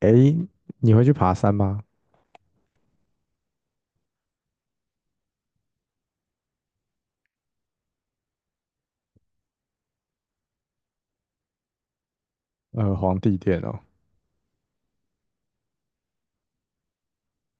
诶，你会去爬山吗？呃，皇帝殿哦，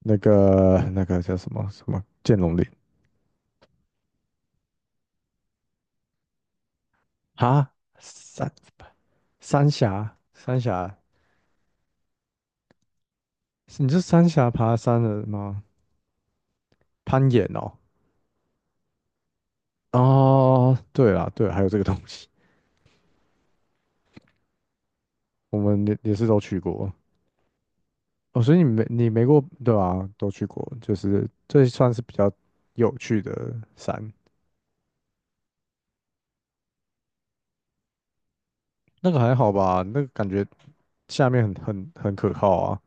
那个那个叫什么剑龙岭啊？三三峡，你是三峡爬山的吗？攀岩哦。哦，对啦，对，还有这个东西，我们也是都去过。哦，所以你没你没过对吧？都去过，就是这算是比较有趣的山。那个还好吧？那个感觉下面很可靠啊。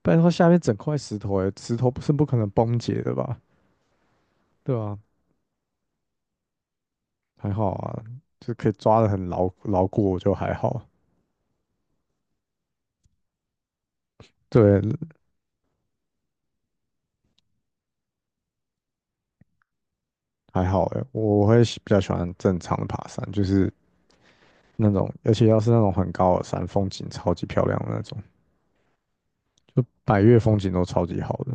不然的话下面整块石头、欸，石头不是不可能崩解的吧？对啊。还好啊，就可以抓得很牢固，我就还好。对。还好哎、欸,我比较喜欢正常的爬山，就是那种，而且要是那种很高的山，风景超级漂亮的那种，就百岳风景都超级好的。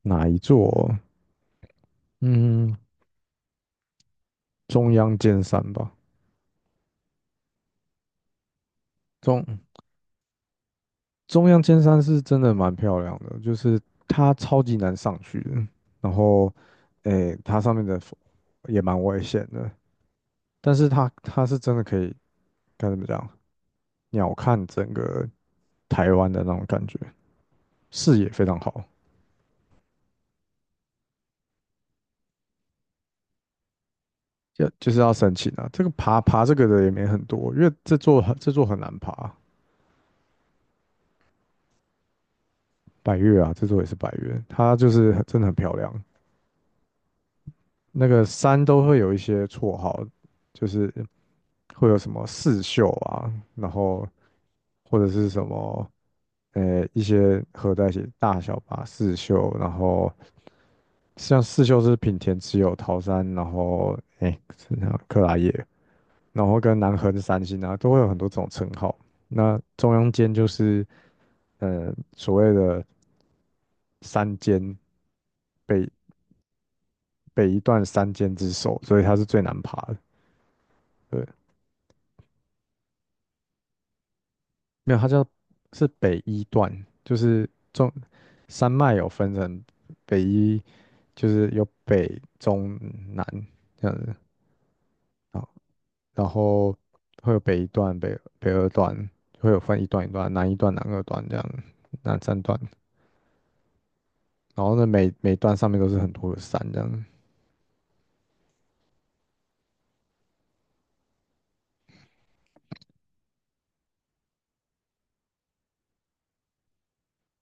哪一座？嗯，中央尖山吧。中中央尖山是真的蛮漂亮的，就是它超级难上去的，然后，诶，它上面的风也蛮危险的，但是它是真的可以该怎么讲，鸟瞰整个台湾的那种感觉，视野非常好。要就是要申请啊，这个爬这个的也没很多，因为这座很难爬。百越啊，这座也是百越，它就是很真的很漂亮。那个山都会有一些绰号，就是。会有什么四秀啊，然后或者是什么一些合在一起大小吧四秀，然后像四秀是品田只有桃山，然后哎是那个克拉叶，然后跟南河的三星啊都会有很多这种称号。那中央间就是所谓的山间北北一段山间之首，所以它是最难爬的。对。没有它叫是北一段，就是中山脉有分成北一就是有北中南这样子，然后然后会有北一段、北二段，会有分一段一段，南一段、南二段这样，南三段，然后呢每段上面都是很多的山这样。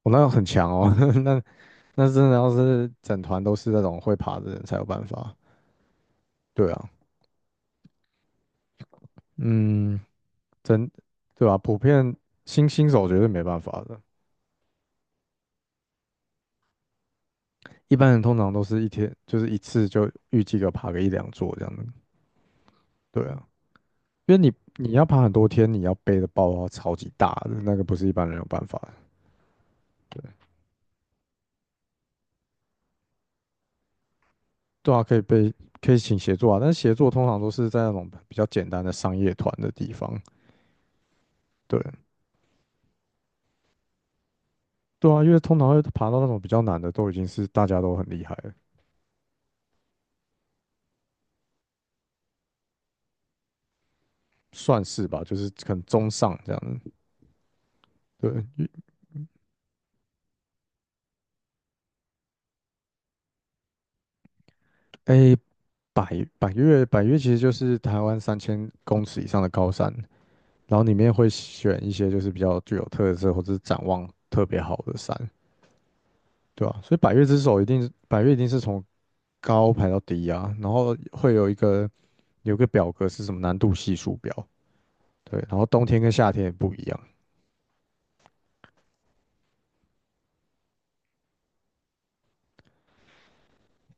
我、哦那个很强哦，那那真的要是整团都是那种会爬的人才有办法。对啊。嗯。真对吧、普遍新手绝对没办法的。一般人通常都是一天就是一次就预计个爬个一两座这样子。对啊。因为你要爬很多天，你要背的包包超级大的，那个不是一般人有办法的。对。对啊，可以背。可以请协作啊，但是协作通常都是在那种比较简单的商业团的地方。对。对啊，因为通常会爬到那种比较难的，都已经是大家都很厉害了。算是吧，就是可能中上这样子。对。因诶，百越其实就是台湾3000公尺以上的高山，然后里面会选一些就是比较具有特色或者是展望特别好的山。对啊，所以百越之首一定是百越一定是从高排到低啊，然后会有一个有一个表格是什么难度系数表。对，然后冬天跟夏天也不一样。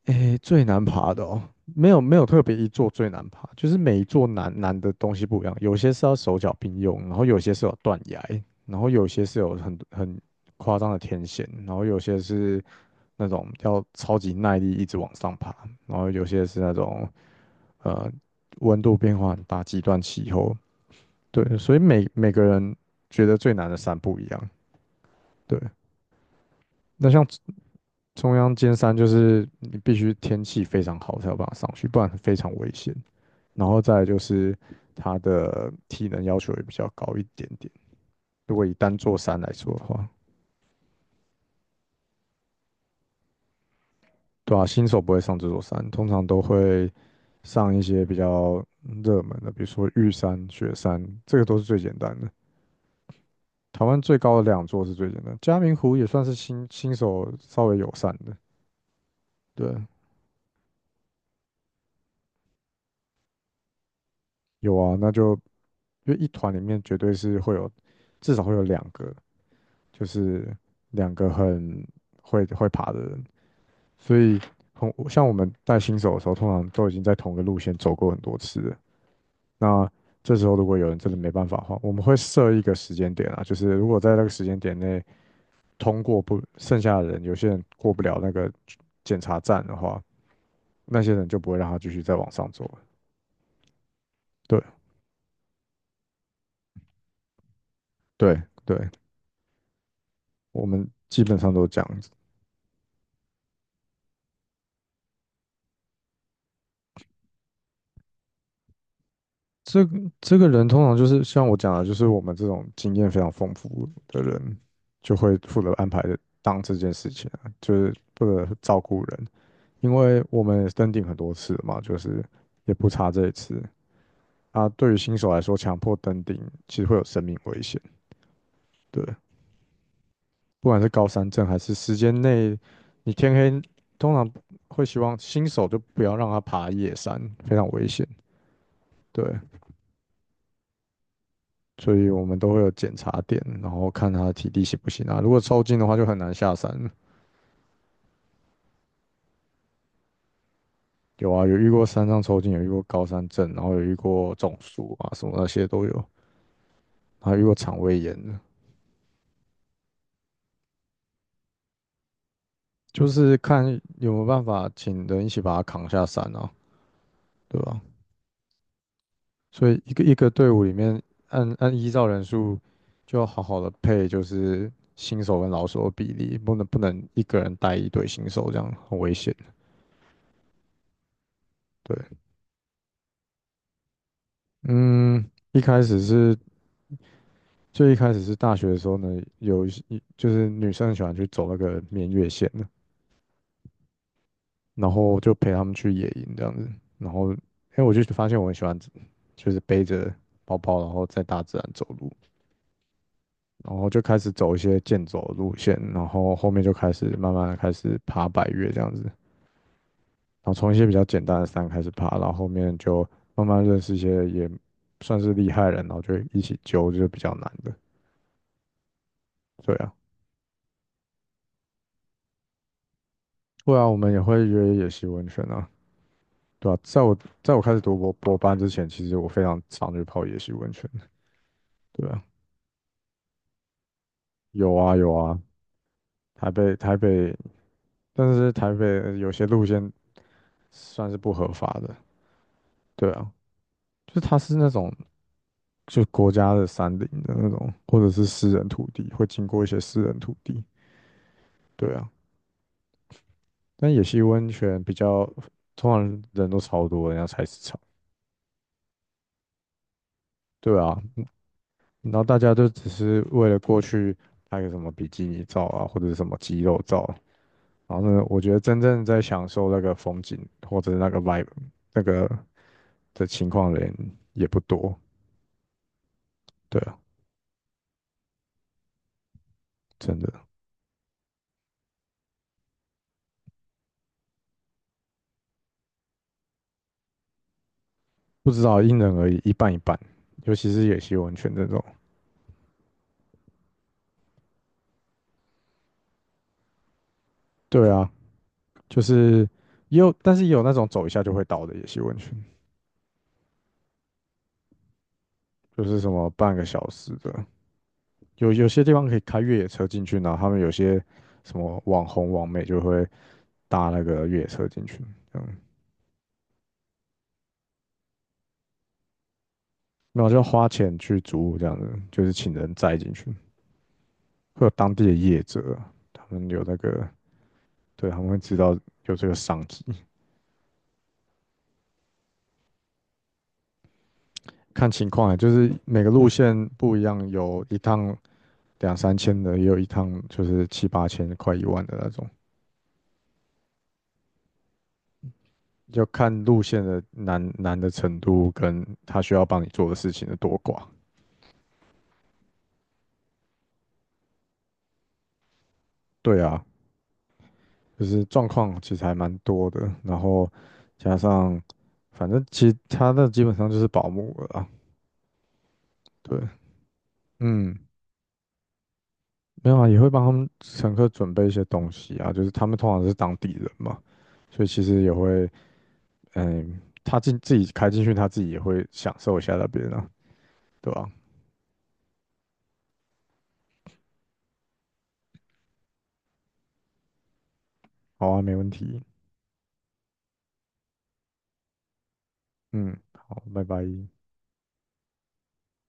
诶，最难爬的哦，没有特别一座最难爬，就是每一座难的东西不一样，有些是要手脚并用，然后有些是有断崖，然后有些是有很夸张的天险，然后有些是那种要超级耐力一直往上爬，然后有些是那种呃温度变化很大，极端气候。对，所以每个人觉得最难的山不一样。对。那像中央尖山，就是你必须天气非常好才有办法上去，不然非常危险。然后再来就是它的体能要求也比较高一点点，如果以单座山来说的话。对啊，新手不会上这座山，通常都会上一些比较热门的，比如说玉山、雪山，这个都是最简单的。台湾最高的两座是最简单，嘉明湖也算是新手稍微友善的。对。有啊，那就因为一团里面绝对是会有，至少会有两个，就是两个很会爬的人，所以很像我们带新手的时候，通常都已经在同一个路线走过很多次了。那这时候如果有人真的没办法的话，我们会设一个时间点啊，就是如果在那个时间点内通过不，剩下的人有些人过不了那个检查站的话，那些人就不会让他继续再往上走了。对对对我们基本上都这样子。这这个人通常就是像我讲的，就是我们这种经验非常丰富的人，就会负责安排当这件事情啊就是负责照顾人，因为我们也登顶很多次了嘛，就是也不差这一次啊。对于新手来说，强迫登顶其实会有生命危险。对，不管是高山症还是时间内，你天黑，通常会希望新手就不要让他爬夜山，非常危险。对。所以我们都会有检查点，然后看他的体力行不行啊。如果抽筋的话，就很难下山。有啊，有遇过山上抽筋，有遇过高山症，然后有遇过中暑啊，什么那些都有，还遇过肠胃炎的。就是看有没有办法请人一起把他扛下山啊，对吧？所以一个一个队伍里面，按依照人数，就要好好的配，就是新手跟老手的比例，不能一个人带一队新手，这样很危险。对。嗯。一开始是最一开始是大学的时候呢，有一些就是女生很喜欢去走那个绵月线的，然后就陪他们去野营这样子。然后，哎，我就发现我很喜欢，就是背着包包，然后在大自然走路，然后就开始走一些健走的路线，然后后面就开始慢慢地开始爬百越这样子。然后从一些比较简单的山开始爬，然后后面就慢慢认识一些也算是厉害人，然后就一起揪，就是比较难的。对啊。对啊，我们也会约野溪温泉啊。对啊，在我开始读博班之前，其实我非常常去泡野溪温泉。对啊。有啊有啊，台北，但是台北有些路线算是不合法的。对啊。就是它是那种就国家的山林的那种，或者是私人土地，会经过一些私人土地。对啊。但野溪温泉比较，通常人都超多，人家菜市场。对啊，然后大家就只是为了过去拍个什么比基尼照啊，或者是什么肌肉照，然后呢，我觉得真正在享受那个风景或者是那个 vibe 那个的情况的人也不多。对啊。真的。不知道因人而异，一半一半。尤其是野溪温泉这种。对啊，就是也有，但是也有那种走一下就会倒的野溪温泉，就是什么半个小时的。有些地方可以开越野车进去，然后他们有些什么网红网美就会搭那个越野车进去，这样。那我就花钱去租这样子，就是请人载进去。会有当地的业者，他们有那个。对，他们会知道有这个商机。看情况啊，就是每个路线不一样，有一趟2、3千的，也有一趟就是7、8千、快1万的那种。要看路线的难的程度跟他需要帮你做的事情的多寡。对啊，就是状况其实还蛮多的，然后加上反正其他的基本上就是保姆了啊。对。嗯。没有啊，也会帮他们乘客准备一些东西啊，就是他们通常是当地人嘛，所以其实也会，嗯，他进自己开进去，他自己也会享受一下那边啊，对吧？好啊，没问题。嗯，好，拜拜。